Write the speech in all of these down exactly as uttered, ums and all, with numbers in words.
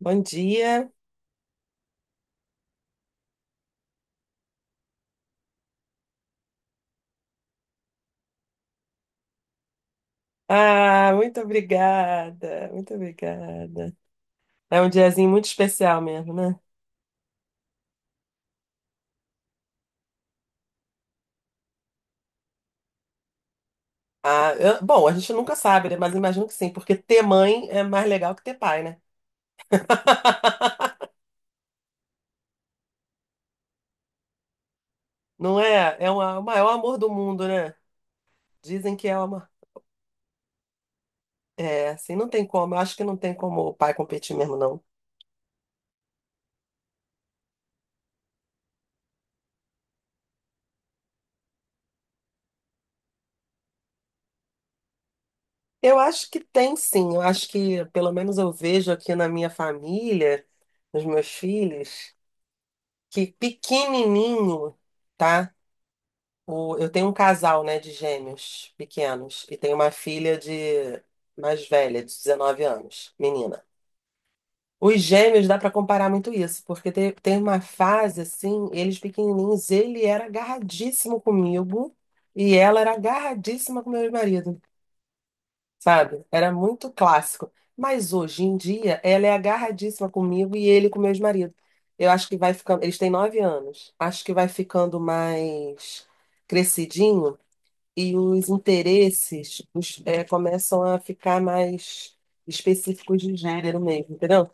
Bom dia. Ah, muito obrigada, muito obrigada. É um diazinho muito especial mesmo, né? Ah, eu- bom, a gente nunca sabe, né? Mas imagino que sim, porque ter mãe é mais legal que ter pai, né? Não é? É uma- o maior amor do mundo, né? Dizem que é uma. É, assim, não tem como. Eu acho que não tem como o pai competir mesmo, não. Eu acho que tem sim. Eu acho que, pelo menos, eu vejo aqui na minha família, nos meus filhos, que pequenininho, tá? O, eu tenho um casal, né, de gêmeos pequenos e tenho uma filha de mais velha, de dezenove anos, menina. Os gêmeos dá pra comparar muito isso, porque te- tem uma fase assim, eles pequenininhos, ele era agarradíssimo comigo e ela era agarradíssima com meu marido, sabe? Era muito clássico. Mas hoje em dia, ela é agarradíssima comigo e ele com meu marido. Eu acho que vai ficando, eles têm nove anos. Acho que vai ficando mais crescidinho e os interesses os, é, começam a ficar mais específicos de gênero mesmo, entendeu?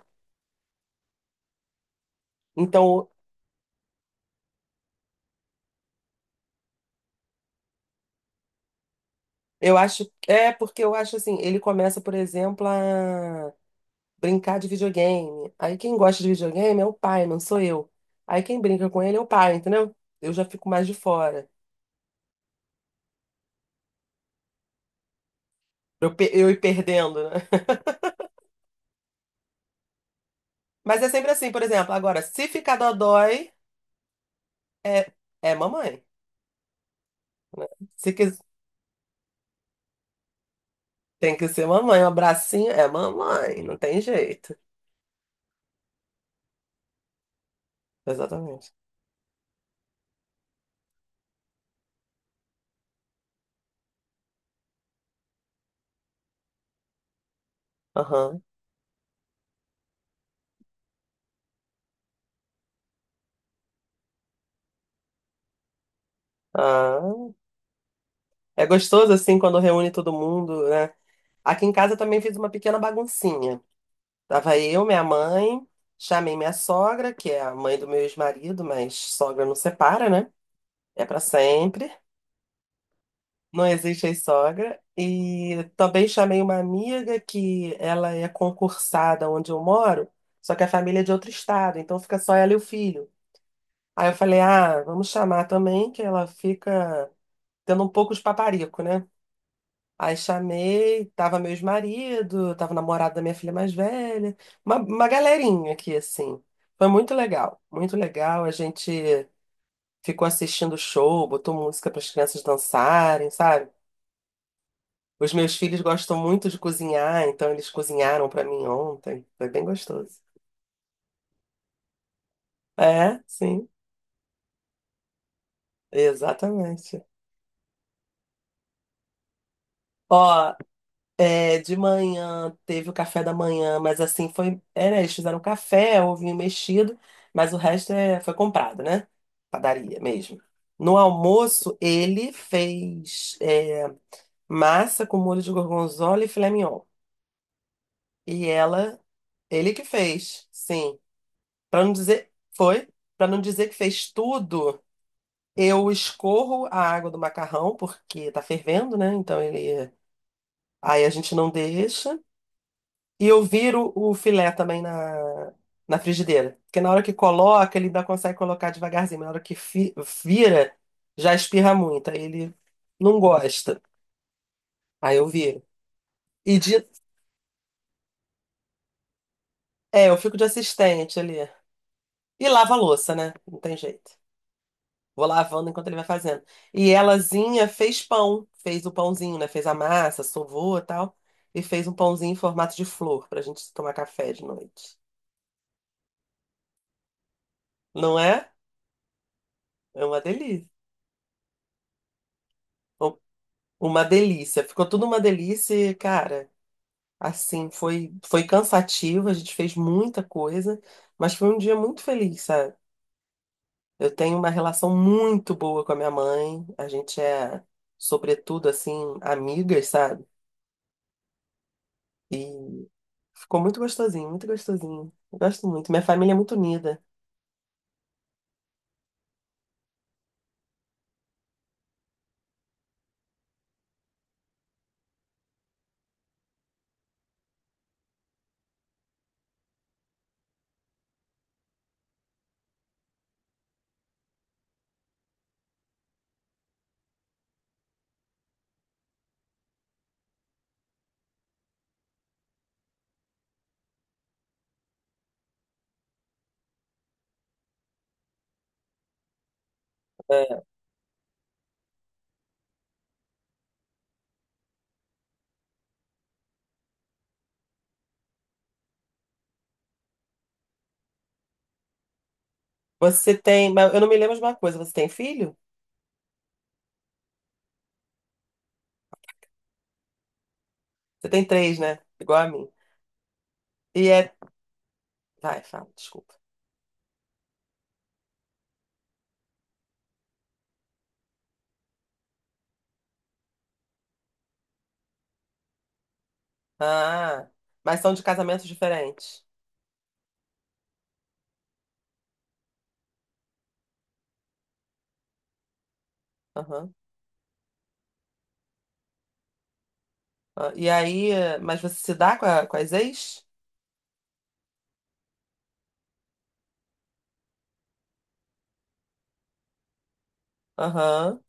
Então, eu acho. É, porque eu acho assim, ele começa, por exemplo, a brincar de videogame. Aí quem gosta de videogame é o pai, não sou eu. Aí quem brinca com ele é o pai, entendeu? Eu já fico mais de fora. Eu, pe- eu ir perdendo, né? Mas é sempre assim, por exemplo, agora, se ficar dodói, é, é mamãe. Se quis- Tem que ser mamãe, um abracinho é mamãe, não tem jeito. Exatamente. Aham. Ah, é gostoso assim quando reúne todo mundo, né? Aqui em casa eu também fiz uma pequena baguncinha. Tava eu, minha mãe, chamei minha sogra, que é a mãe do meu ex-marido, mas sogra não separa, né? É pra sempre. Não existe ex-sogra. E também chamei uma amiga que ela é concursada onde eu moro, só que a família é de outro estado, então fica só ela e o filho. Aí eu falei, ah, vamos chamar também, que ela fica tendo um pouco de paparico, né? Aí chamei, tava meu ex-marido, tava o namorado da minha filha mais velha, uma, uma galerinha aqui, assim. Foi muito legal, muito legal. A gente ficou assistindo o show, botou música para as crianças dançarem, sabe? Os meus filhos gostam muito de cozinhar, então eles cozinharam para mim ontem. Foi bem gostoso. É, sim, exatamente. Ó, É, de manhã teve o café da manhã, mas assim foi. Era, eles fizeram café, ovinho mexido, mas o resto é, foi comprado, né? Padaria mesmo. No almoço, ele fez é, massa com molho de gorgonzola e filé mignon. E ela, ele que fez, sim. Para não dizer, foi, Para não dizer que fez tudo, eu escorro a água do macarrão, porque tá fervendo, né? Então ele. Aí a gente não deixa. E eu viro o filé também na, na frigideira. Porque na hora que coloca, ele ainda consegue colocar devagarzinho, mas na hora que fi- vira, já espirra muito. Aí ele não gosta. Aí eu viro. E de, é, eu fico de assistente ali. E lava a louça, né? Não tem jeito. Vou lavando enquanto ele vai fazendo. E elazinha fez pão. Fez o pãozinho, né? Fez a massa, sovou e tal. E fez um pãozinho em formato de flor pra gente tomar café de noite. Não é? É uma delícia. Uma delícia, ficou tudo uma delícia, e, cara. Assim, foi foi cansativo, a gente fez muita coisa, mas foi um dia muito feliz, sabe? Eu tenho uma relação muito boa com a minha mãe, a gente é, sobretudo, assim, amigas, sabe? E ficou muito gostosinho, muito gostosinho. Eu gosto muito, minha família é muito unida. É. Você tem, mas eu não me lembro de uma coisa, você tem filho? Você tem três, né? Igual a mim. E é, vai, fala, desculpa. Ah, mas são de casamentos diferentes. Ah, e aí, eh, mas você se dá com, a- com as ex? Aham.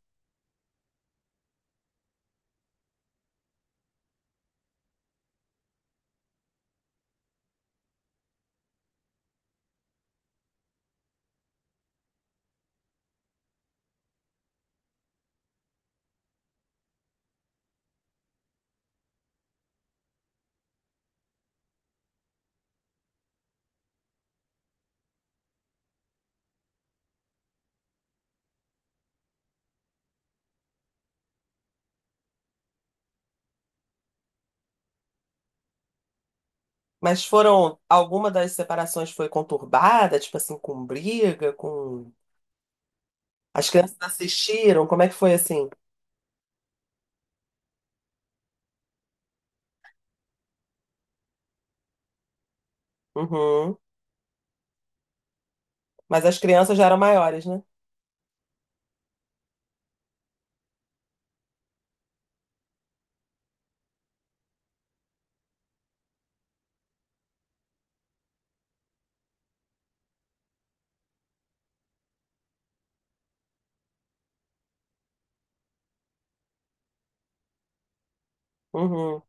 Mas foram, alguma das separações foi conturbada, tipo assim, com briga, com. As crianças assistiram, como é que foi assim? Uhum. Mas as crianças já eram maiores, né? Uhum.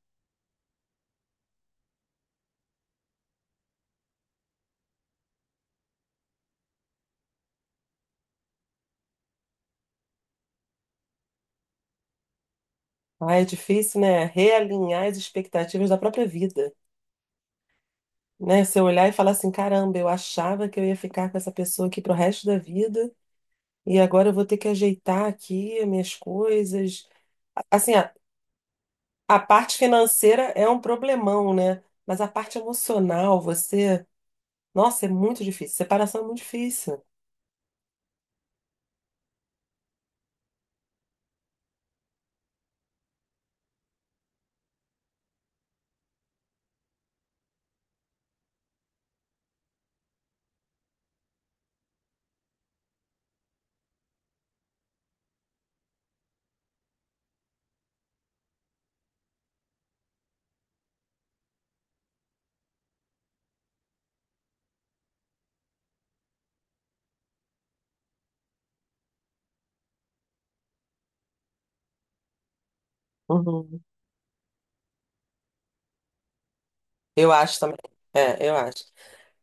Ai, é difícil, né? Realinhar as expectativas da própria vida, né? Você olhar e falar assim, caramba, eu achava que eu ia ficar com essa pessoa aqui pro resto da vida, e agora eu vou ter que ajeitar aqui as minhas coisas. Assim, a parte financeira é um problemão, né? Mas a parte emocional, você. Nossa, é muito difícil. Separação é muito difícil. Uhum. Eu acho também. É, eu acho.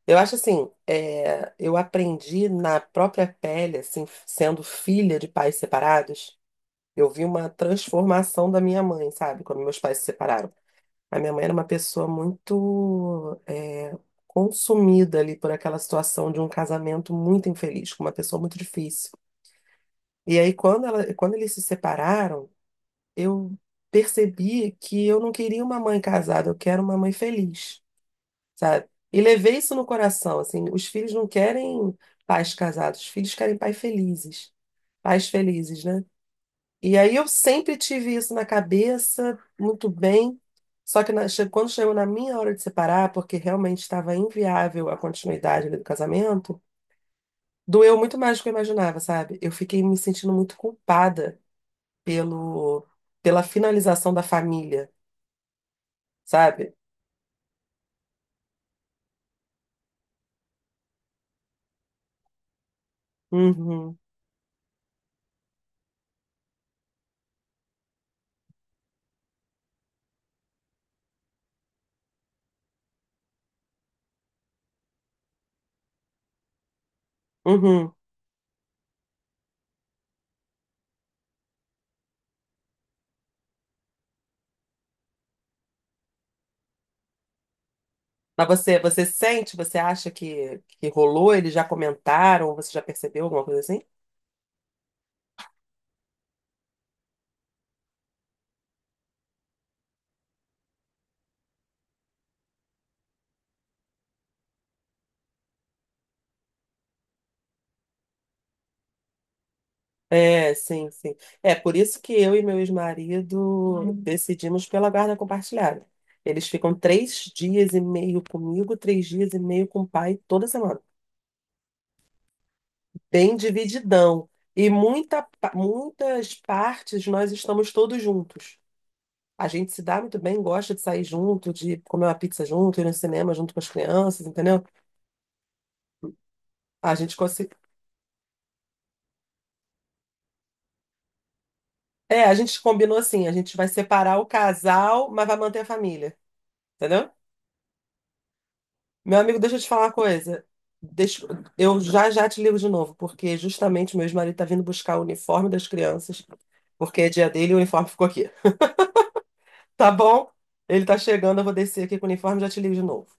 Eu acho assim, é, eu aprendi na própria pele, assim, sendo filha de pais separados, eu vi uma transformação da minha mãe, sabe? Quando meus pais se separaram. A minha mãe era uma pessoa muito é, consumida ali por aquela situação de um casamento muito infeliz, com uma pessoa muito difícil. E aí, quando ela, quando eles se separaram, eu percebi que eu não queria uma mãe casada, eu quero uma mãe feliz, sabe? E levei isso no coração, assim, os filhos não querem pais casados, os filhos querem pais felizes, pais felizes, né? E aí eu sempre tive isso na cabeça, muito bem. Só que na- che- quando chegou na minha hora de separar, porque realmente estava inviável a continuidade ali do casamento, doeu muito mais do que eu imaginava, sabe? Eu fiquei me sentindo muito culpada pelo, pela finalização da família, sabe? Uhum, uhum. Mas você, você sente, você acha que, que rolou? Eles já comentaram, você já percebeu alguma coisa assim? É, sim, sim. É por isso que eu e meu ex-marido Hum. decidimos pela guarda compartilhada. Eles ficam três dias e meio comigo, três dias e meio com o pai toda semana. Bem divididão. E muita, pa- muitas partes nós estamos todos juntos. A gente se dá muito bem, gosta de sair junto, de comer uma pizza junto, ir no cinema junto com as crianças, entendeu? A gente consi. É, a gente combinou assim, a gente vai separar o casal, mas vai manter a família, entendeu? Meu amigo, deixa eu te falar uma coisa. Deixa- Eu já já te ligo de novo, porque justamente meu ex-marido tá vindo buscar o uniforme das crianças, porque é dia dele e o uniforme ficou aqui. Tá bom? Ele tá chegando, eu vou descer aqui com o uniforme e já te ligo de novo.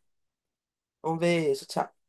Um beijo, tchau.